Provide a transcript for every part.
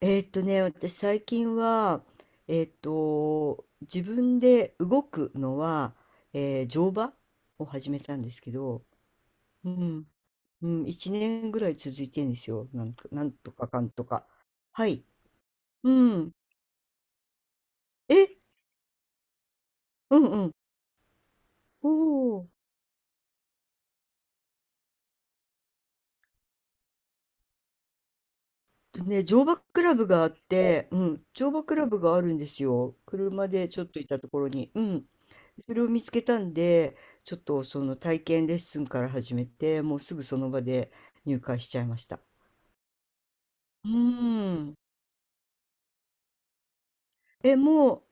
私最近は、自分で動くのは、乗馬を始めたんですけど、うん、うん、1年ぐらい続いてんですよ。なんか、なんとかかんとか。はい。うん。え、うんうん。おお。とね、乗馬クラブがあって、うん、乗馬クラブがあるんですよ。車でちょっと行ったところに。うん。それを見つけたんで、ちょっとその体験レッスンから始めて、もうすぐその場で入会しちゃいました。うーん。え、もう、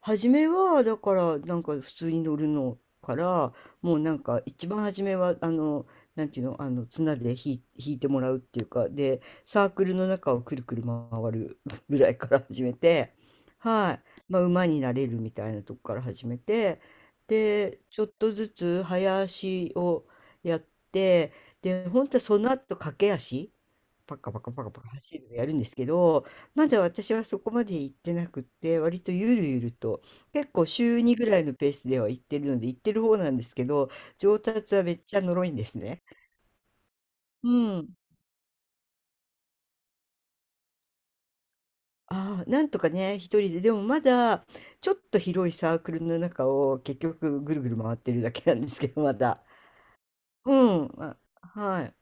初めは、だから、なんか普通に乗るのから、もうなんか一番初めは、なんていうの、あの、綱で引いてもらうっていうか、で、サークルの中をくるくる回る ぐらいから始めて、はい。まあ、馬になれるみたいなとこから始めて、で、ちょっとずつ早足をやって、で、本当はその後駆け足。パカパカパカパカ走るのやるんですけど、まだ私はそこまで行ってなくって、割とゆるゆると、結構週2ぐらいのペースでは行ってるので、行ってる方なんですけど、上達はめっちゃ呪いんですね。うん。ああ、なんとかね、一人で、でもまだ、ちょっと広いサークルの中を結局ぐるぐる回ってるだけなんですけど、まだ。うん。あ、はい。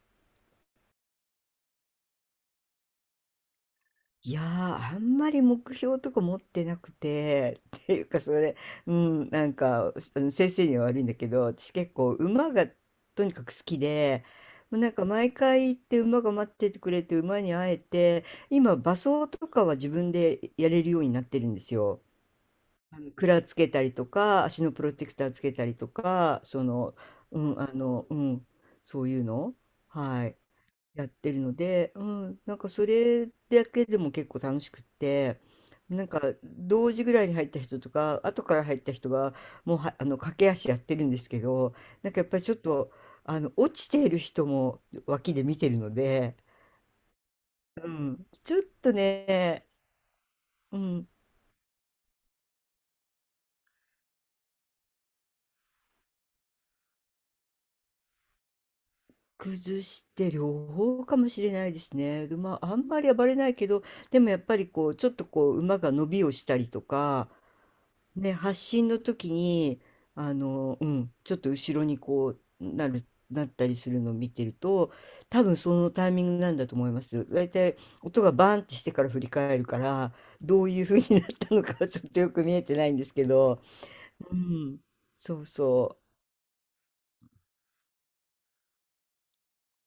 いやー、あんまり目標とか持ってなくて、っていうかそれ、うん、なんか、あの先生には悪いんだけど、私結構馬がとにかく好きで、もうなんか毎回行って馬が待っててくれて馬に会えて、今馬装とかは自分でやれるようになってるんですよ。あの、鞍つけたりとか、足のプロテクターつけたりとか、うん、あの、うん、そういうの。はい。やってるので、なんかそれだけでも結構楽しくって、なんか同時ぐらいに入った人とか、後から入った人がもうは、あの駆け足やってるんですけど、なんかやっぱりちょっと、あの落ちている人も脇で見てるので、うん、ちょっとね、うん、崩して両方かもしれないですね。で、まあ、あんまり暴れないけど、でもやっぱりこう、ちょっとこう、馬が伸びをしたりとか、ね、発信の時に、ちょっと後ろにこう、なったりするのを見てると、多分そのタイミングなんだと思います。大体音がバーンってしてから振り返るから、どういう風になったのかはちょっとよく見えてないんですけど、うん、そうそう。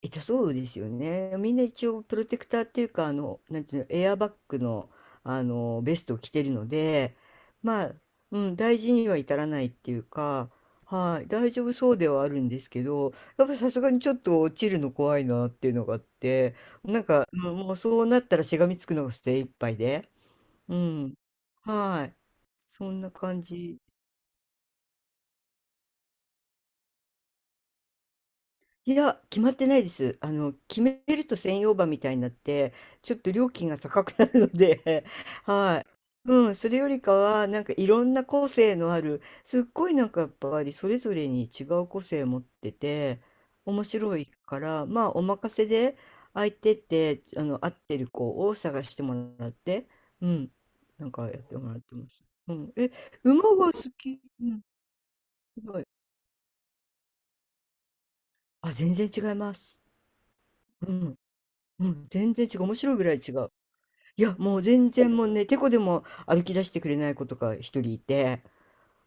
痛たそうですよね。みんな一応プロテクターっていうか、あの、なんていうの、エアバッグの、あの、ベストを着てるので、まあ、うん、大事には至らないっていうか、はい、大丈夫そうではあるんですけど、やっぱさすがにちょっと落ちるの怖いなっていうのがあって、なんか、もうそうなったらしがみつくのが精一杯で、うん、はい、そんな感じ。いや、決まってないです。あの、決めると専用馬みたいになって、ちょっと料金が高くなるので、はい。うん、それよりかは、なんかいろんな個性のある、すっごいなんかやっぱりそれぞれに違う個性を持ってて、面白いから、まあお任せで相手って、あの、合ってる子を探してもらって、うん、なんかやってもらってます。うん、え、馬が好き、うん、すごい。あ、全然違います。うん。うん、全然違う。面白いぐらい違う。いや、もう全然もうね、てこでも歩き出してくれない子とか一人いて、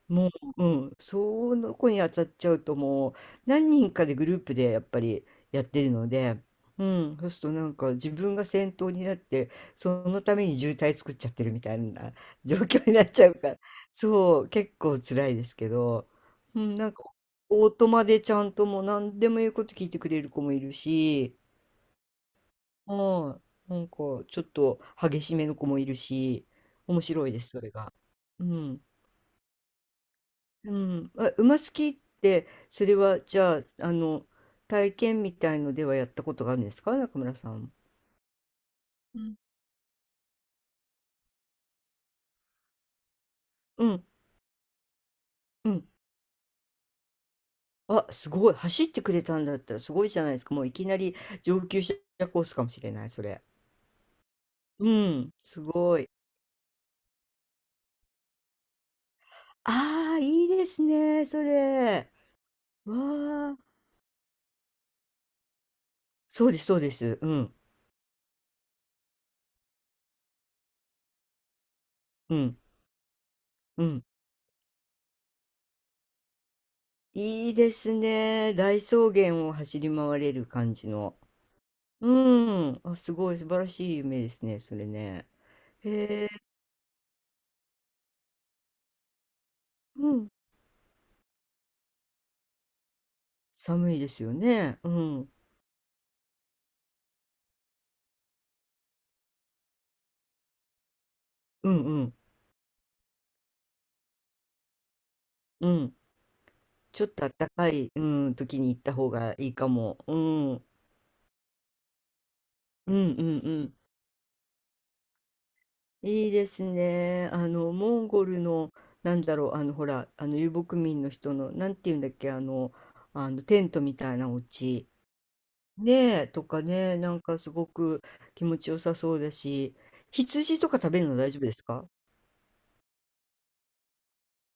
もう、うん、その子に当たっちゃうともう何人かでグループでやっぱりやってるので、うん、そうするとなんか自分が先頭になって、そのために渋滞作っちゃってるみたいな 状況になっちゃうから、そう、結構辛いですけど、うん、なんかオートマでちゃんともう何でも言うこと聞いてくれる子もいるし、はい。なんか、ちょっと激しめの子もいるし、面白いです、それが。うん。うん。あ、馬好きって、それは、じゃあ、体験みたいのではやったことがあるんですか、中村さん。うん。うん。うん。あ、すごい。走ってくれたんだったらすごいじゃないですか。もういきなり上級者コースかもしれない、それ。うん。すごい。ああ、いいですね、それ。わあ。そうです、そうです。うん。うん。うん。いいですね。大草原を走り回れる感じの。うん。あ、すごい素晴らしい夢ですね、それね。へえ、うん。寒いですよね。うん。うんうんうん。ちょっと暖かい、うん、時に行った方がいいかも。うん。うんうんうん。いいですね。モンゴルの、なんだろう、あの、ほら、遊牧民の人の、なんていうんだっけ、あの、テントみたいなお家。ねえ、とかね、なんかすごく気持ちよさそうだし、羊とか食べるの大丈夫ですか？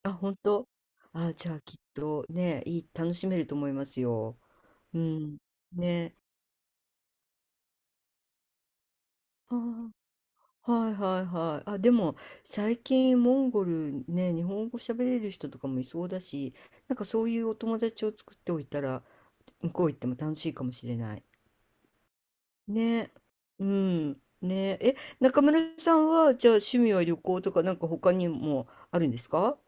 あ、本当？あ、じゃあきっとね、いい、楽しめると思いますよ。うん。ね。あー、はいはいはい。あ、でも最近モンゴルね、日本語喋れる人とかもいそうだし、なんかそういうお友達を作っておいたら、向こう行っても楽しいかもしれない。ね、うん、ね、中村さんは、じゃあ趣味は旅行とか、なんか他にもあるんですか？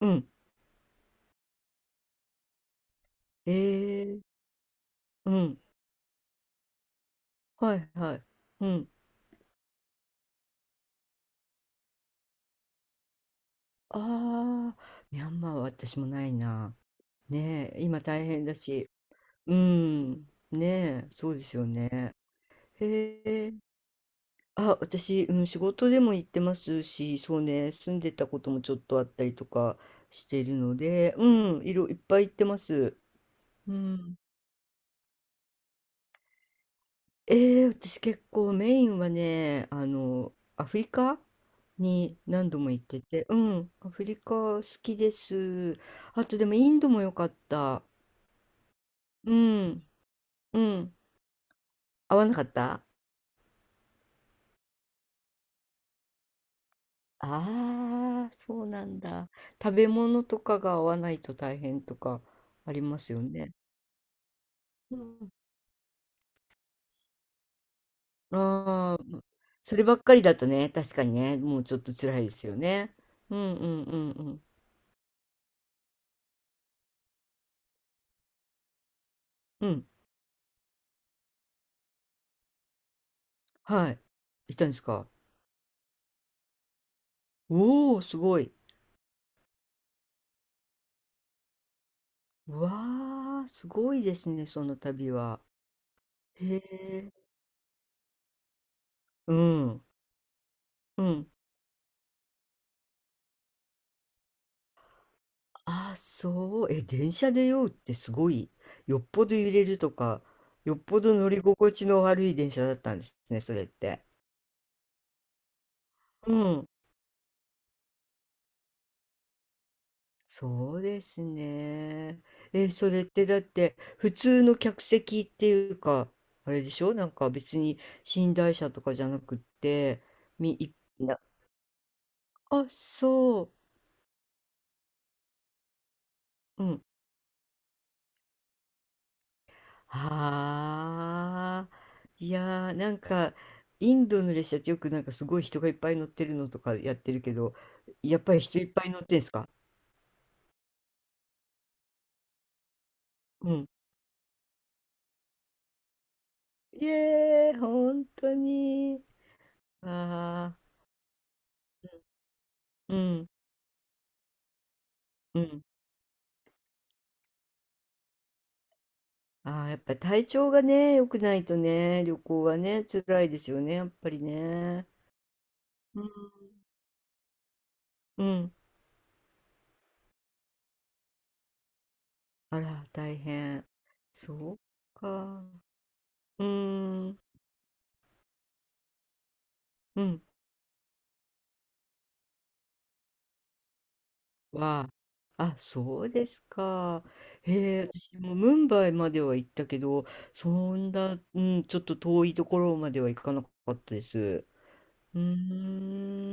うん。ええうん。はいはい。うん。ああ、ミャンマーは私もないな。ねえ、今大変だし。うん。ねえ、そうですよね。へえ。あ、私、うん、仕事でも行ってますし、そうね、住んでたこともちょっとあったりとかしているので、いっぱい行ってます。うん。ええ、私結構メインはね、あの、アフリカに何度も行ってて、うん、アフリカ好きです。あとでもインドも良かった。うん、うん。合わなかった？ああそうなんだ。食べ物とかが合わないと大変とかありますよね。うん。ああ、そればっかりだとね、確かにね、もうちょっと辛いですよね。うんうんうんうん。うん、はい。いたんですか？おお、すごい。わあ、すごいですね、その旅は。へえ、うん、うん。ああ、そう。え、電車で酔うってすごい。よっぽど揺れるとか、よっぽど乗り心地の悪い電車だったんですね、それって。うん。そうですね。え、それってだって、普通の客席っていうか、あれでしょ？なんか別に寝台車とかじゃなくって、み、いな、あ、そう。うんはあ、いやー、なんか、インドの列車ってよくなんかすごい人がいっぱい乗ってるのとかやってるけど、やっぱり人いっぱい乗ってんすか？うん。いえー、本当に。ああ、うん、うん。ああ、やっぱり体調がね、良くないとね、旅行はね、辛いですよね、やっぱりね。うん、うん。あら、大変。そうか。うーん、うん。は、あ、そうですか。へえ、私もムンバイまでは行ったけど、そんな、うん、ちょっと遠いところまでは行かなかったです。うーん。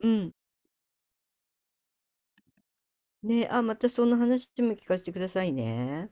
うん。ね、あ、またその話も聞かせてくださいね。